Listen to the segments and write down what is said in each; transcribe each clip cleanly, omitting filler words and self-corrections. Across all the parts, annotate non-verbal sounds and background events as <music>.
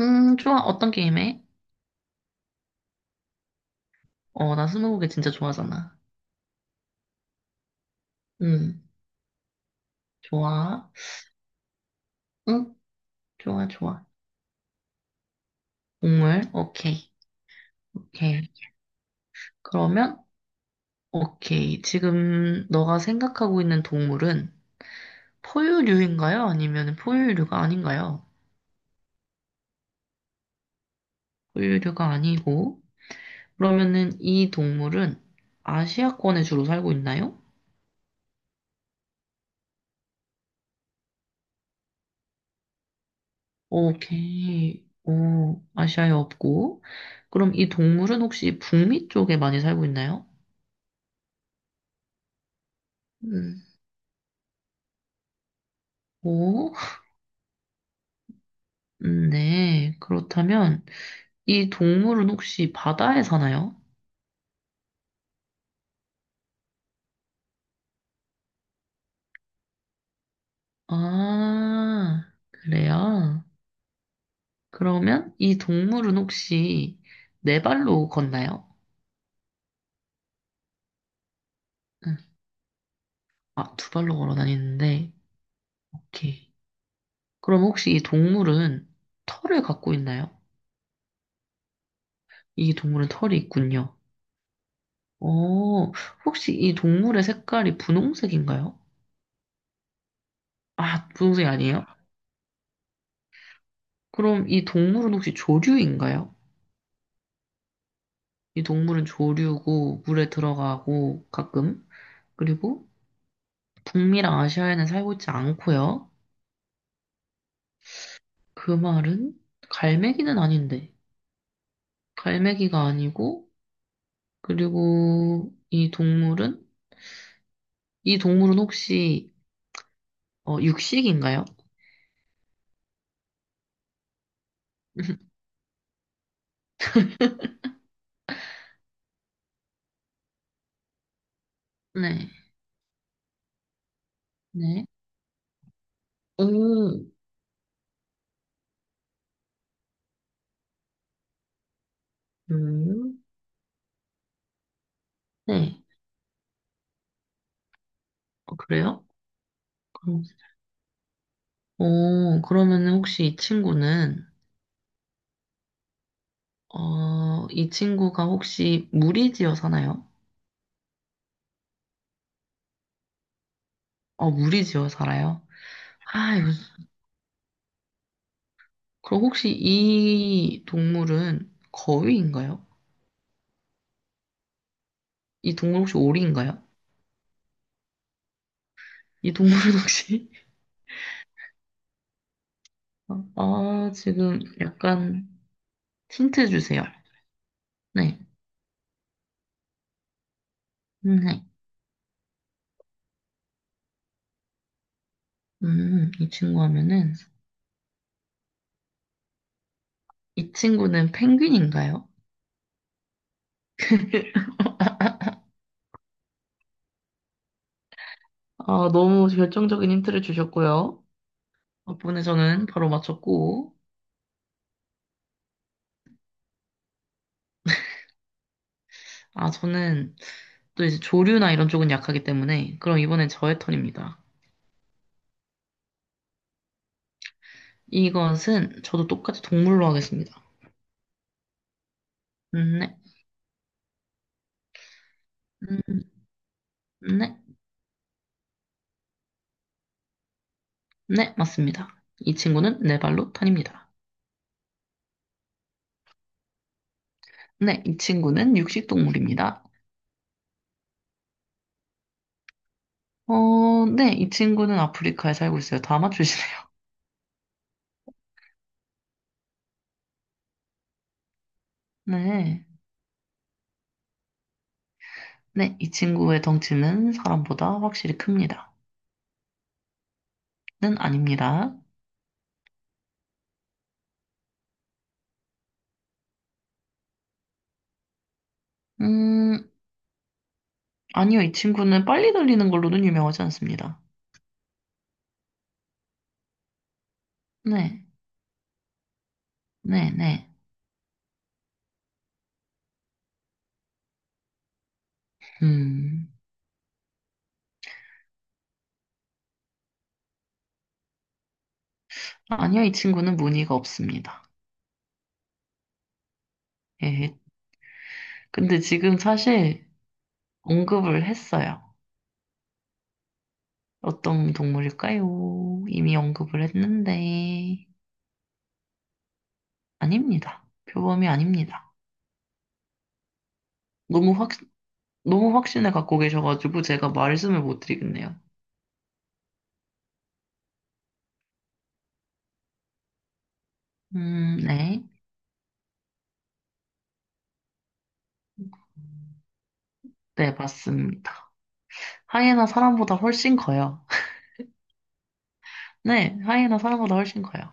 좋아. 어떤 게임 해? 나 스무고개 진짜 좋아하잖아. 음, 좋아. 응, 좋아, 좋아. 동물, 오케이. 오케이. 그러면, 오케이. 지금 너가 생각하고 있는 동물은 포유류인가요? 아니면 포유류가 아닌가요? 포유류가 아니고, 그러면은 이 동물은 아시아권에 주로 살고 있나요? 오케이. 오, 아시아에 없고. 그럼 이 동물은 혹시 북미 쪽에 많이 살고 있나요? 음. 오, 네. 그렇다면 이 동물은 혹시 바다에 사나요? 아, 그래요? 그러면 이 동물은 혹시 네 발로 걷나요? 응. 아, 두 발로 걸어 다니는데. 오케이. 그럼 혹시 이 동물은 털을 갖고 있나요? 이 동물은 털이 있군요. 어, 혹시 이 동물의 색깔이 분홍색인가요? 아, 분홍색이 아니에요? 그럼 이 동물은 혹시 조류인가요? 이 동물은 조류고 물에 들어가고 가끔 그리고 북미랑 아시아에는 살고 있지 않고요. 그 말은 갈매기는 아닌데 갈매기가 아니고 그리고 이 동물은 이 동물은 혹시 육식인가요? <laughs> 네, 네. 오, 음, 네. 어, 그래요? 그럼, 어, 그러면 혹시 이 친구는, 어, 이 친구가 혹시 무리지어 사나요? 어, 무리지어 살아요? 아, 이거 그럼 혹시 이 동물은 거위인가요? 이 동물 혹시 오리인가요? 이 동물은 혹시 <laughs> 아, 아, 지금 약간 힌트 주세요. 네, 네, 이 친구 하면은 이 친구는 펭귄인가요? <laughs> 아, 너무 결정적인 힌트를 주셨고요. 덕분에 저는 바로 맞췄고, 아, 저는 또 이제 조류나 이런 쪽은 약하기 때문에, 그럼 이번엔 저의 턴입니다. 이것은 저도 똑같이 동물로 하겠습니다. 네. 음, 네. 네, 맞습니다. 이 친구는 네 발로 탄입니다. 네, 이 친구는 육식동물입니다. 어, 네, 이 친구는 아프리카에 살고 있어요. 다 맞추시네요. <laughs> 네. 네, 이 친구의 덩치는 사람보다 확실히 큽니다. 는 아닙니다. 음, 아니요, 이 친구는 빨리 달리는 걸로는 유명하지 않습니다. 네, 네, 네. 음, 아니요, 이 친구는 무늬가 없습니다. 예, 근데 지금 사실 언급을 했어요. 어떤 동물일까요? 이미 언급을 했는데, 아닙니다. 표범이 아닙니다. 너무 확, 너무 확신을 갖고 계셔가지고 제가 말씀을 못 드리겠네요. 네. 네, 맞습니다. 하이에나 사람보다 훨씬 커요. <laughs> 네, 하이에나 사람보다 훨씬 커요.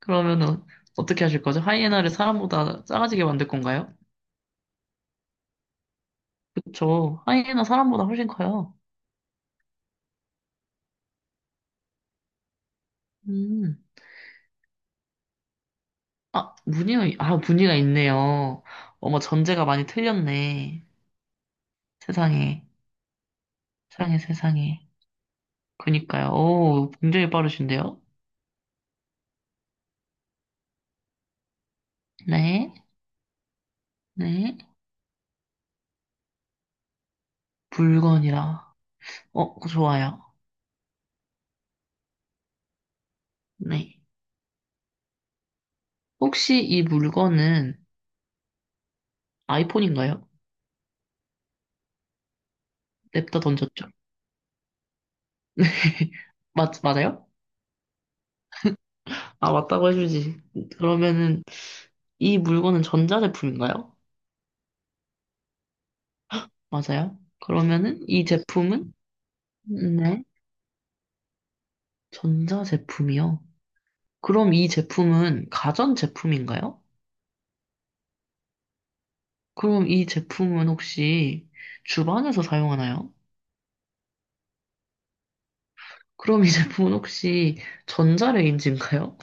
그러면은 어떻게 하실 거죠? 하이에나를 사람보다 작아지게 만들 건가요? 그쵸. 하이에나 사람보다 훨씬 커요. 음. 아, 무늬가, 아, 무늬가 있네요. 어머, 전제가 많이 틀렸네. 세상에. 세상에, 세상에. 그니까요. 오, 굉장히 빠르신데요? 네, 네. 물건이라. 어, 좋아요. 네. 혹시 이 물건은 아이폰인가요? 냅다 던졌죠? <laughs> 맞아요? 아, 맞다고 해주지. 그러면은, 이 물건은 전자제품인가요? 맞아요? 그러면은, 이 제품은? 네. 전자제품이요. 그럼 이 제품은 가전제품인가요? 그럼 이 제품은 혹시 주방에서 사용하나요? 그럼 이 제품은 <laughs> 혹시 전자레인지인가요?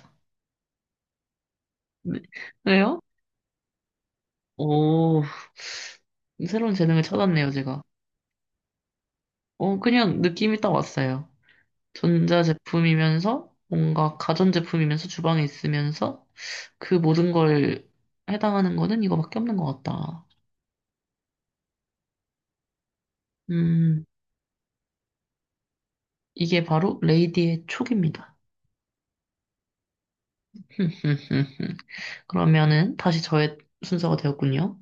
네. 왜요? 오, 새로운 재능을 찾았네요, 제가. 그냥 느낌이 딱 왔어요. 전자 제품이면서 뭔가 가전 제품이면서 주방에 있으면서 그 모든 걸 해당하는 거는 이거밖에 없는 것 같다. 음, 이게 바로 레이디의 촉입니다. <laughs> 그러면은 다시 저의 순서가 되었군요.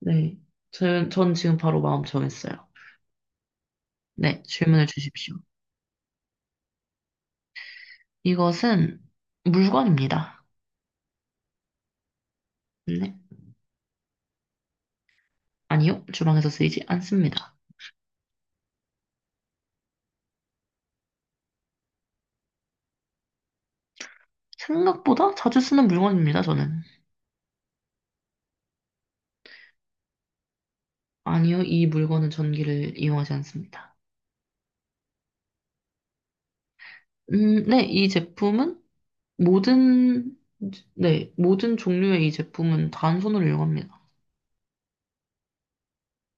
네. 전 지금 바로 마음 정했어요. 네, 질문을 주십시오. 이것은 물건입니다. 네. 아니요. 주방에서 쓰이지 않습니다. 생각보다 자주 쓰는 물건입니다, 저는. 아니요. 이 물건은 전기를 이용하지 않습니다. 네. 이 제품은 모든, 네. 모든 종류의 이 제품은 단손으로 이용합니다.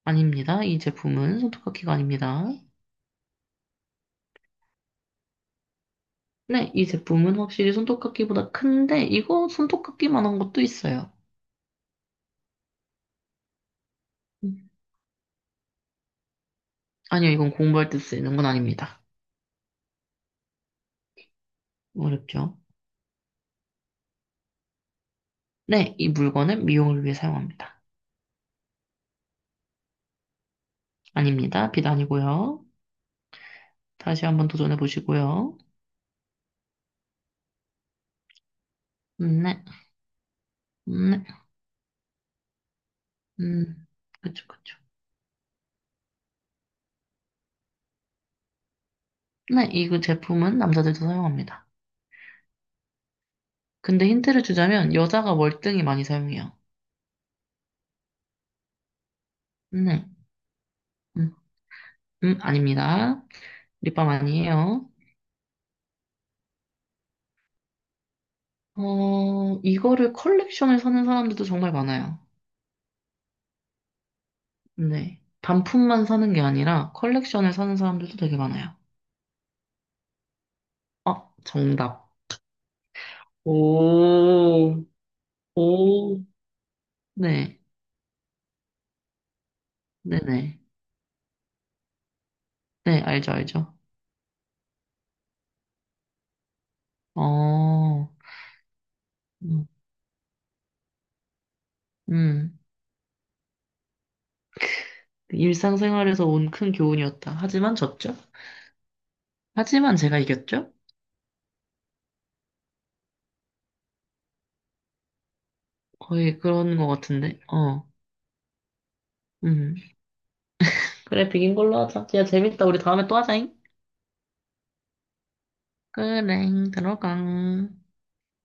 아닙니다. 이 제품은 손톱깎이가 아닙니다. 네. 이 제품은 확실히 손톱깎이보다 큰데, 이거 손톱깎이만한 것도 있어요. 음, 아니요. 이건 공부할 때 쓰이는 건 아닙니다. 어렵죠. 네, 이 물건은 미용을 위해 사용합니다. 아닙니다. 빛 아니고요. 다시 한번 도전해 보시고요. 네, 네, 음, 그쵸, 그쵸. 네, 이 제품은 남자들도 사용합니다. 근데 힌트를 주자면 여자가 월등히 많이 사용해요. 네, 음, 아닙니다. 립밤 아니에요. 어, 이거를 컬렉션을 사는 사람들도 정말 많아요. 네, 단품만 사는 게 아니라 컬렉션을 사는 사람들도 되게 많아요. 어, 정답. 오, 오. 네, 네네. 네, 알죠, 알죠. 어, 음, 음. 일상생활에서 온 큰 교훈이었다. 하지만 졌죠? 하지만 제가 이겼죠? 거의 그런 것 같은데, 어, 음. 그래, 비긴 걸로 하자. 야, 재밌다. 우리 다음에 또 하자잉. 그래, 들어가.